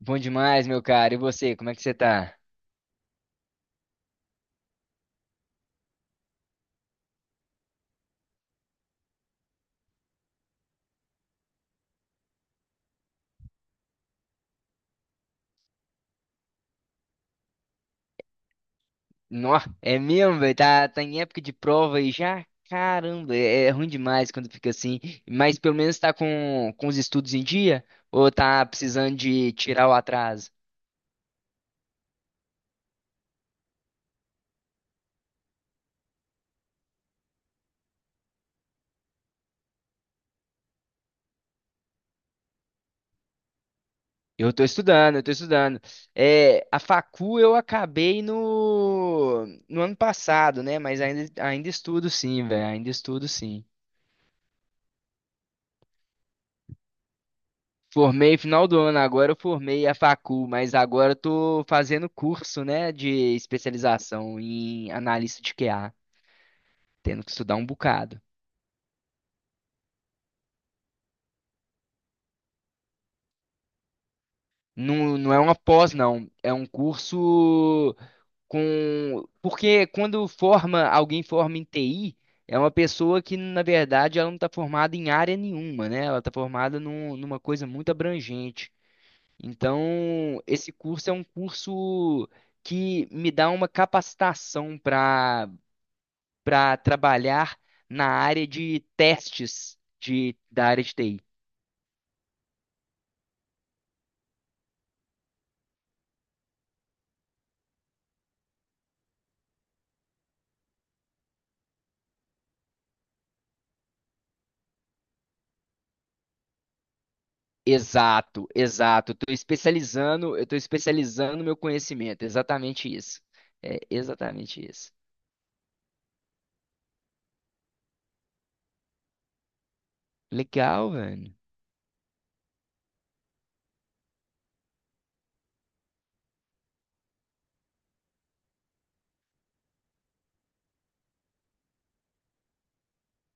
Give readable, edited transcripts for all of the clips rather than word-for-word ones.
Bom demais, meu cara. E você, como é que você tá? Nó, é mesmo, velho. Tá em época de prova e já, caramba, é ruim demais quando fica assim. Mas pelo menos tá com os estudos em dia? Ou tá precisando de tirar o atraso? Eu tô estudando, eu tô estudando. É, a facu eu acabei no ano passado, né? Mas ainda estudo sim, velho. Ainda estudo sim. Formei final do ano agora, eu formei a facu mas agora eu tô fazendo curso, né, de especialização em analista de QA, tendo que estudar um bocado. Não, não é uma pós, não. É um curso com. Porque quando forma, alguém forma em TI, é uma pessoa que, na verdade, ela não está formada em área nenhuma, né? Ela está formada numa coisa muito abrangente. Então, esse curso é um curso que me dá uma capacitação para trabalhar na área de testes da área de TI. Exato, exato. Estou especializando, eu estou especializando meu conhecimento. Exatamente isso. É exatamente isso. Legal, velho.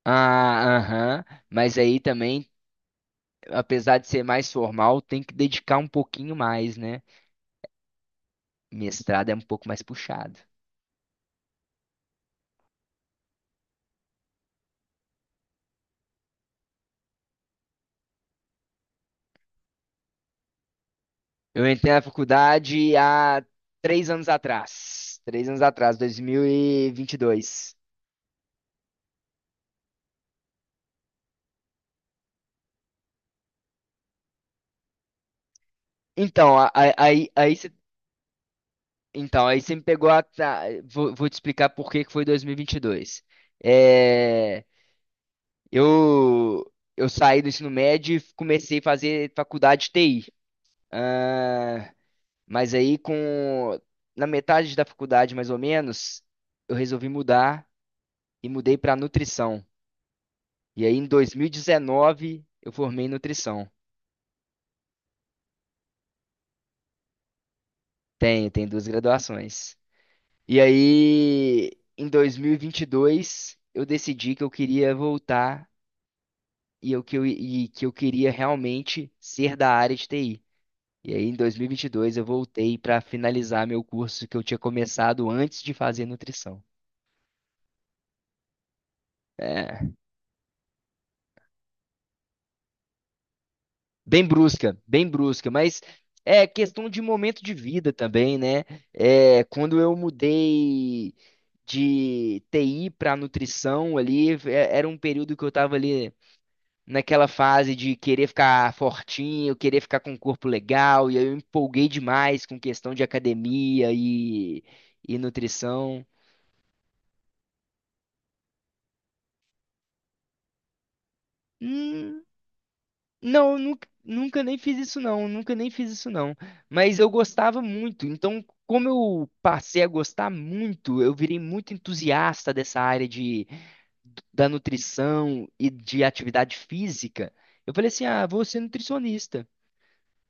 Ah, aham. Mas aí também, apesar de ser mais formal, tem que dedicar um pouquinho mais, né? Mestrado é um pouco mais puxado. Eu entrei na faculdade há 3 anos atrás. 3 anos atrás, dois mil e vinte e dois. Então, você, então, aí você me pegou a. Tá, vou te explicar por que que foi 2022. É, eu, eu saí do ensino médio e comecei a fazer faculdade de TI. Ah, mas aí, na metade da faculdade, mais ou menos, eu resolvi mudar e mudei para nutrição. E aí, em 2019, eu formei em nutrição. Tenho duas graduações. E aí, em 2022, eu decidi que eu queria voltar e que eu queria realmente ser da área de TI. E aí, em 2022, eu voltei para finalizar meu curso que eu tinha começado antes de fazer nutrição. É, bem brusca, mas é questão de momento de vida também, né? É, quando eu mudei de TI para nutrição ali, era um período que eu estava ali. Naquela fase de querer ficar fortinho, querer ficar com um corpo legal, e aí eu empolguei demais com questão de academia e nutrição. Hum, não, nunca, nunca nem fiz isso não, nunca nem fiz isso não. Mas eu gostava muito, então como eu passei a gostar muito, eu virei muito entusiasta dessa área da nutrição e de atividade física. Eu falei assim, ah, vou ser nutricionista.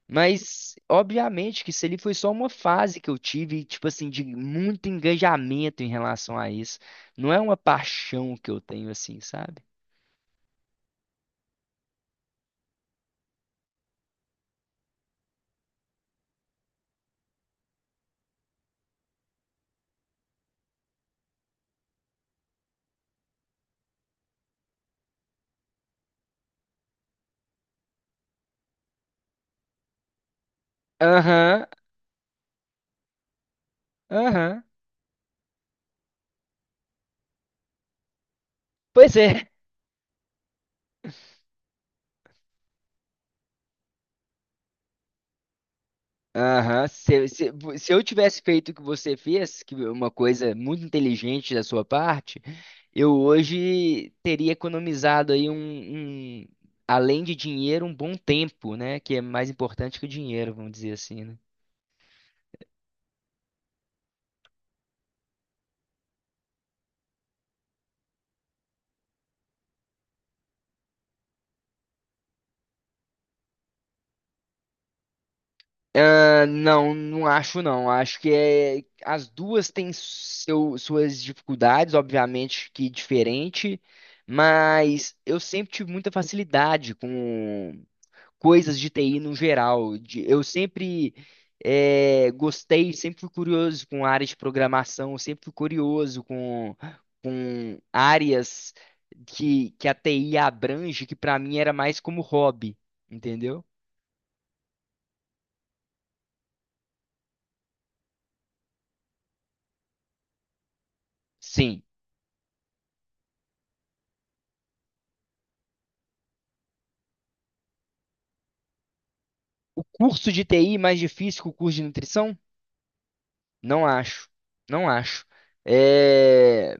Mas, obviamente, que isso ali foi só uma fase que eu tive, tipo assim, de muito engajamento em relação a isso. Não é uma paixão que eu tenho, assim, sabe? Aham, aham. Pois é. Aham. Se eu tivesse feito o que você fez, que é uma coisa muito inteligente da sua parte, eu hoje teria economizado aí além de dinheiro, um bom tempo, né? Que é mais importante que o dinheiro, vamos dizer assim, né? Ah, não, não acho não. Acho que é, as duas têm suas dificuldades, obviamente que diferente, mas eu sempre tive muita facilidade com coisas de TI no geral. Eu sempre gostei, sempre fui curioso com áreas de programação, sempre fui curioso com áreas que a TI abrange, que para mim era mais como hobby, entendeu? Sim. O curso de TI mais difícil que o curso de nutrição? Não acho. Não acho. É,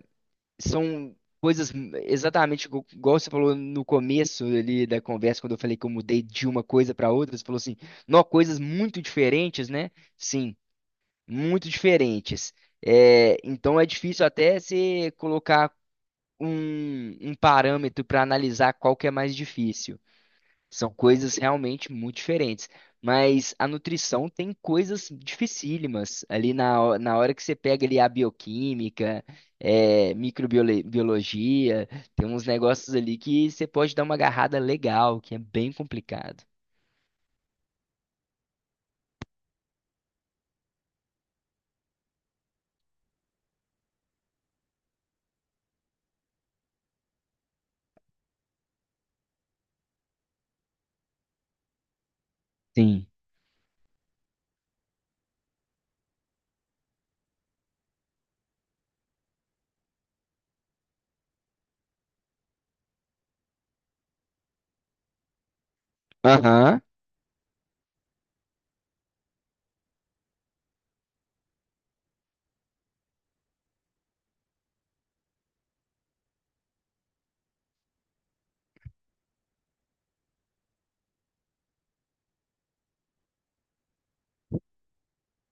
são coisas exatamente igual você falou no começo ali da conversa, quando eu falei que eu mudei de uma coisa para outra. Você falou assim, não, coisas muito diferentes, né? Sim, muito diferentes. É, então é difícil até você colocar um parâmetro para analisar qual que é mais difícil. São coisas realmente muito diferentes. Mas a nutrição tem coisas dificílimas ali na hora que você pega ali a bioquímica, é, microbiologia, tem uns negócios ali que você pode dar uma agarrada legal, que é bem complicado. Sim. Aham.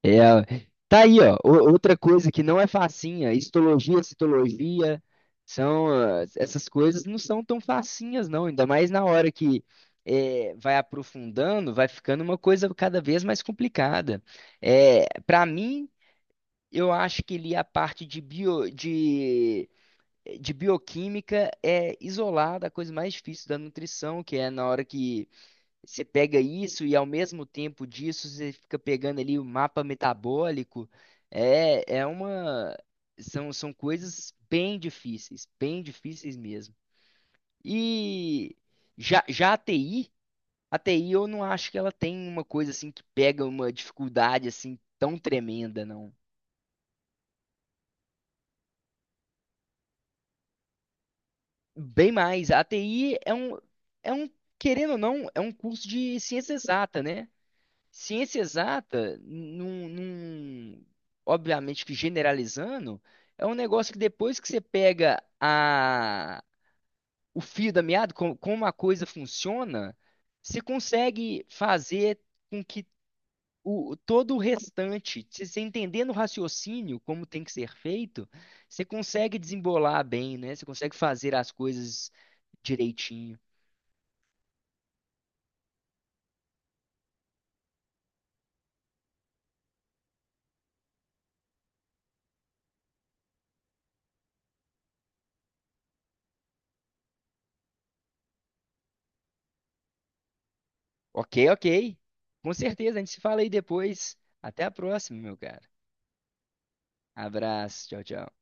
É, tá aí, ó. Outra coisa que não é facinha, histologia, citologia, essas coisas não são tão facinhas, não. Ainda mais na hora que é, vai aprofundando, vai ficando uma coisa cada vez mais complicada. É, para mim, eu acho que ali a parte de bioquímica é isolada, a coisa mais difícil da nutrição, que é na hora que você pega isso e ao mesmo tempo disso você fica pegando ali o mapa metabólico. É, é uma. São coisas bem difíceis mesmo. E já a TI, a TI eu não acho que ela tem uma coisa assim que pega uma dificuldade assim tão tremenda, não. Bem mais, a TI é um, querendo ou não, é um curso de ciência exata, né? Ciência exata, obviamente que generalizando, é um negócio que depois que você pega o fio da meada, como a coisa funciona, você consegue fazer com que todo o restante, se você entendendo o raciocínio, como tem que ser feito, você consegue desembolar bem, né? Você consegue fazer as coisas direitinho. Ok, ok. Com certeza, a gente se fala aí depois. Até a próxima, meu cara. Abraço, tchau, tchau.